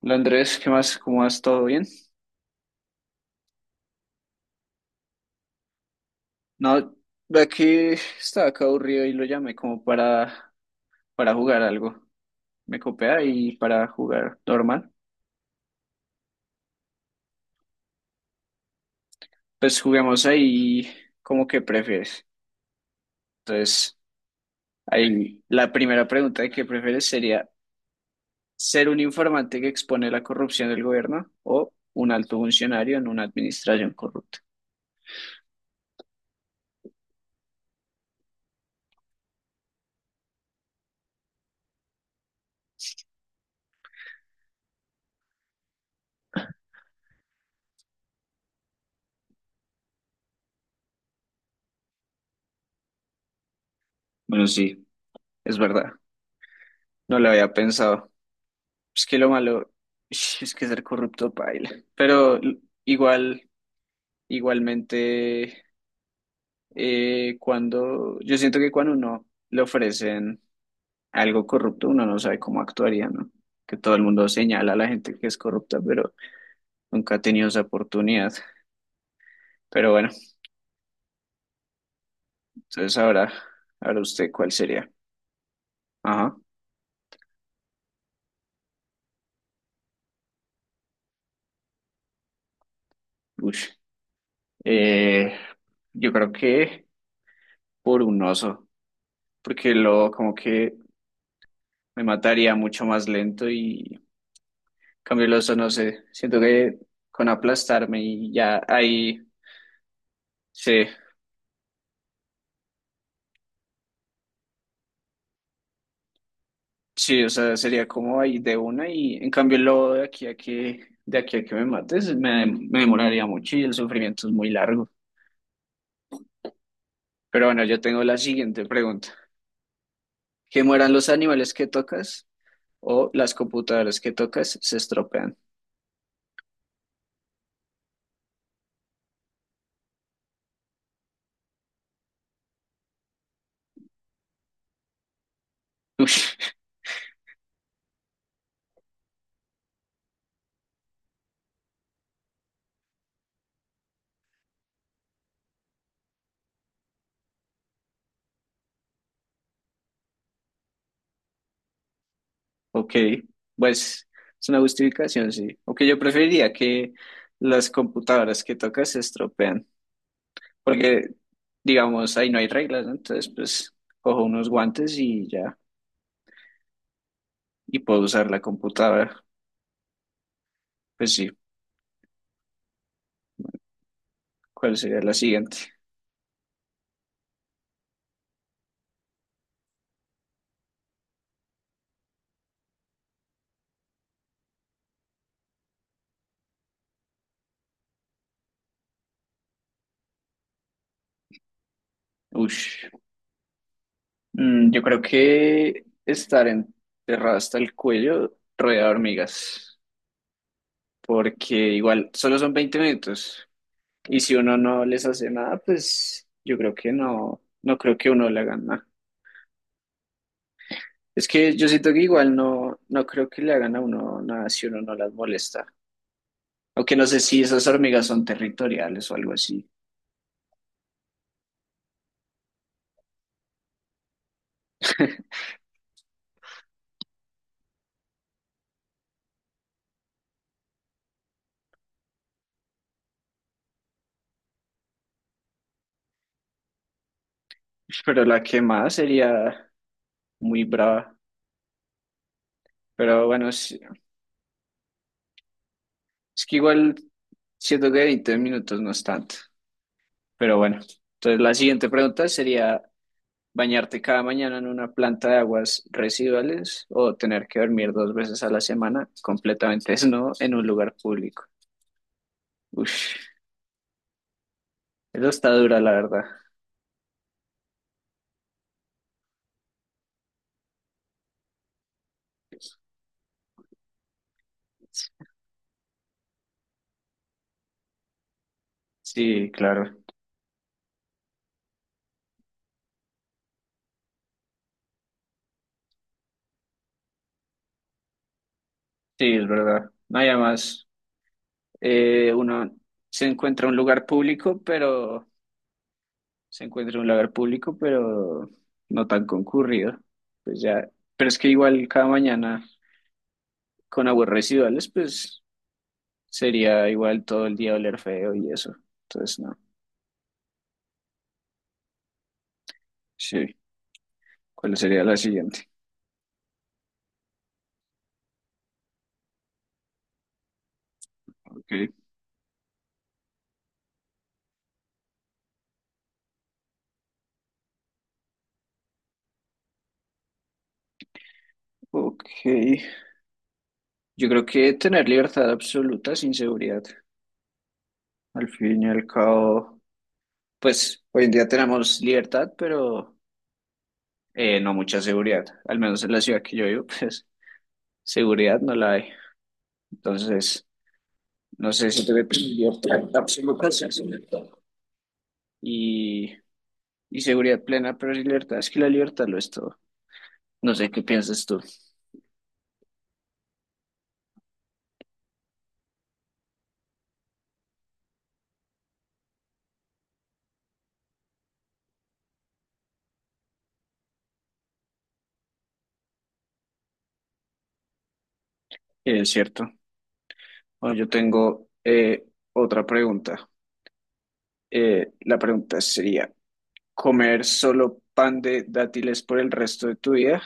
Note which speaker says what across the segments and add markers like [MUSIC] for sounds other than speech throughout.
Speaker 1: Hola Andrés, ¿qué más? ¿Cómo vas? ¿Todo bien? No, de aquí estaba acá aburrido y lo llamé como para jugar algo. Me copia y para jugar normal. Pues juguemos ahí como que prefieres. Entonces, ahí la primera pregunta de qué prefieres sería ser un informante que expone la corrupción del gobierno o un alto funcionario en una administración corrupta. Bueno, sí, es verdad. No lo había pensado. Es que lo malo es que ser corrupto paila. Pero igual, igualmente, cuando yo siento que cuando uno le ofrecen algo corrupto, uno no sabe cómo actuaría, ¿no? Que todo el mundo señala a la gente que es corrupta, pero nunca ha tenido esa oportunidad. Pero bueno, entonces ahora usted cuál sería. Ajá. Ush. Eh, yo creo que por un oso, porque lo como que me mataría mucho más lento y Cambio Loza, no sé. Siento que con aplastarme y ya ahí sí, sí, o sea, sería como ahí de una y en cambio lo de aquí a que me mates me demoraría mucho y el sufrimiento es muy largo. Pero bueno, yo tengo la siguiente pregunta. ¿Que mueran los animales que tocas o las computadoras que tocas se estropean? [LAUGHS] Ok, pues es una justificación, sí. Aunque yo preferiría que las computadoras que tocas se estropean, porque digamos ahí no hay reglas, ¿no? Entonces pues cojo unos guantes y ya, y puedo usar la computadora. Pues sí, ¿cuál sería la siguiente? Ush. Yo creo que estar enterrado hasta el cuello rodeado de hormigas, porque igual solo son 20 minutos y si uno no les hace nada, pues yo creo que no, no creo que uno le hagan nada. Es que yo siento que igual no, no creo que le hagan a uno nada si uno no las molesta. Aunque no sé si esas hormigas son territoriales o algo así. Pero la quemada sería muy brava. Pero bueno, es que igual siento que 20 minutos no es tanto. Pero bueno, entonces la siguiente pregunta sería, ¿bañarte cada mañana en una planta de aguas residuales o tener que dormir dos veces a la semana completamente desnudo en un lugar público? Uf, eso está dura, la verdad. Sí, claro. Sí, es verdad. No hay más. Uno se encuentra un lugar público, pero se encuentra un lugar público, pero no tan concurrido. Pues ya, pero es que igual cada mañana con aguas residuales, pues sería igual todo el día oler feo y eso. Entonces, no. Sí. ¿Cuál sería la siguiente? Ok. Ok. Yo creo que tener libertad absoluta sin seguridad. Al fin y al cabo, pues hoy en día tenemos libertad, pero no mucha seguridad. Al menos en la ciudad que yo vivo, [LAUGHS] pues seguridad no la hay. Entonces, no sé si tuve libertad absoluta. Sí, sí, libertad. Y, y seguridad plena, pero libertad, es que la libertad lo es todo. No sé qué piensas tú. Es cierto. Bueno, yo tengo otra pregunta. La pregunta sería, ¿comer solo pan de dátiles por el resto de tu vida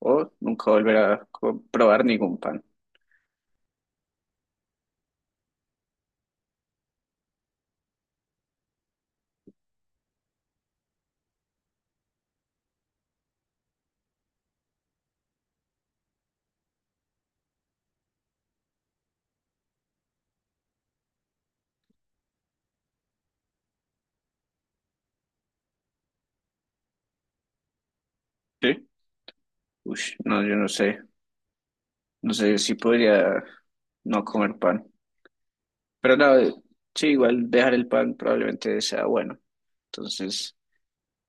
Speaker 1: o nunca volver a probar ningún pan? ¿Sí? Uy, no, yo no sé. No sé si podría no comer pan. Pero no, sí, igual dejar el pan probablemente sea bueno. Entonces,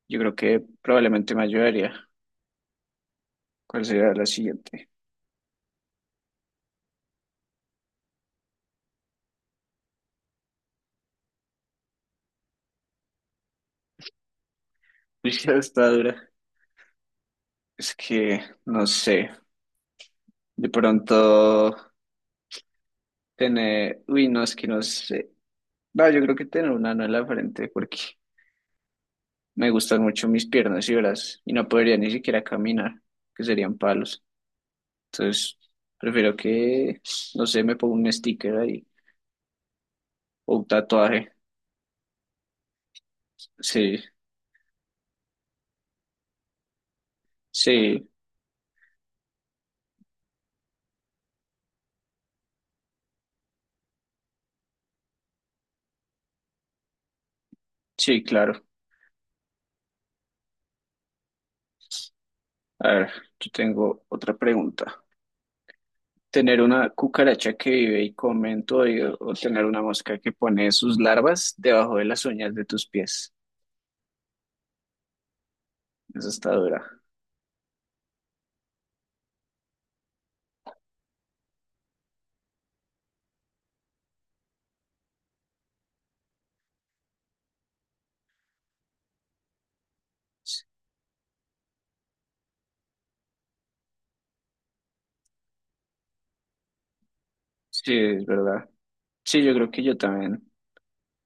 Speaker 1: yo creo que probablemente me ayudaría. ¿Cuál sería la siguiente? [LAUGHS] Uy, está dura. Es que, no sé, de pronto tener, uy, no, es que no sé. No, yo creo que tener un ano en la frente porque me gustan mucho mis piernas y brazos y no podría ni siquiera caminar, que serían palos. Entonces, prefiero que, no sé, me ponga un sticker ahí o un tatuaje. Sí, sí, sí, claro. A ver, yo tengo otra pregunta. Tener una cucaracha que vive y come en tu oído o tener una mosca que pone sus larvas debajo de las uñas de tus pies. Eso está dura. Sí, es verdad. Sí, yo creo que yo también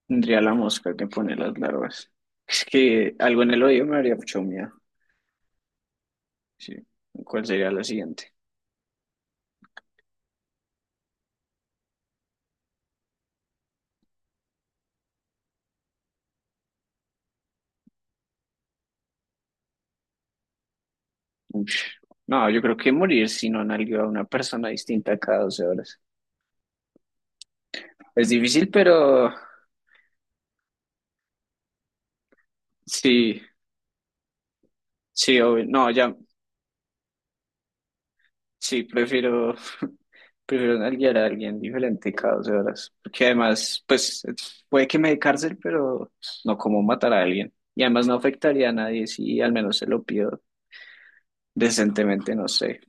Speaker 1: tendría la mosca que pone las larvas. Es que algo en el oído me haría mucho miedo. Sí. ¿Cuál sería la siguiente? Ush. No, yo creo que morir si no nalgueo a una persona distinta cada 12 horas. Es difícil, pero sí, sí, obvio. No, ya, sí, prefiero. Prefiero guiar a alguien diferente cada 12 horas. Porque además, pues, puede que me dé cárcel, pero no como matar a alguien. Y además no afectaría a nadie si al menos se lo pido decentemente, no sé.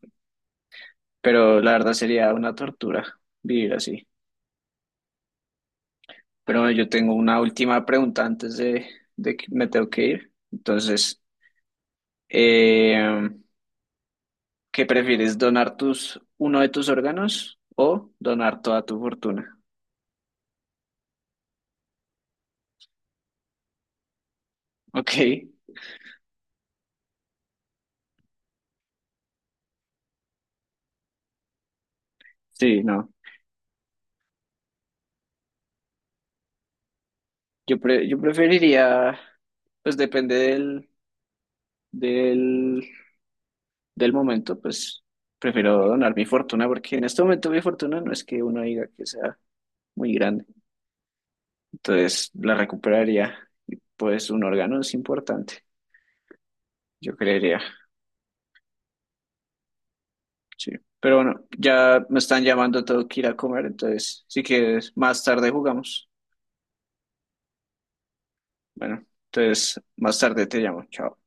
Speaker 1: Pero la verdad sería una tortura vivir así. Pero bueno, yo tengo una última pregunta antes de que me tengo que ir. Entonces, eh, ¿qué prefieres? ¿Donar tus, uno de tus órganos o donar toda tu fortuna? Ok, sí, no. Yo preferiría, pues depende del, del momento, pues prefiero donar mi fortuna porque en este momento mi fortuna no es que uno diga que sea muy grande, entonces la recuperaría y pues un órgano es importante, yo creería, sí. Pero bueno, ya me están llamando, tengo que ir a comer, entonces si quieres, más tarde jugamos. Bueno, entonces más tarde te llamo, chao.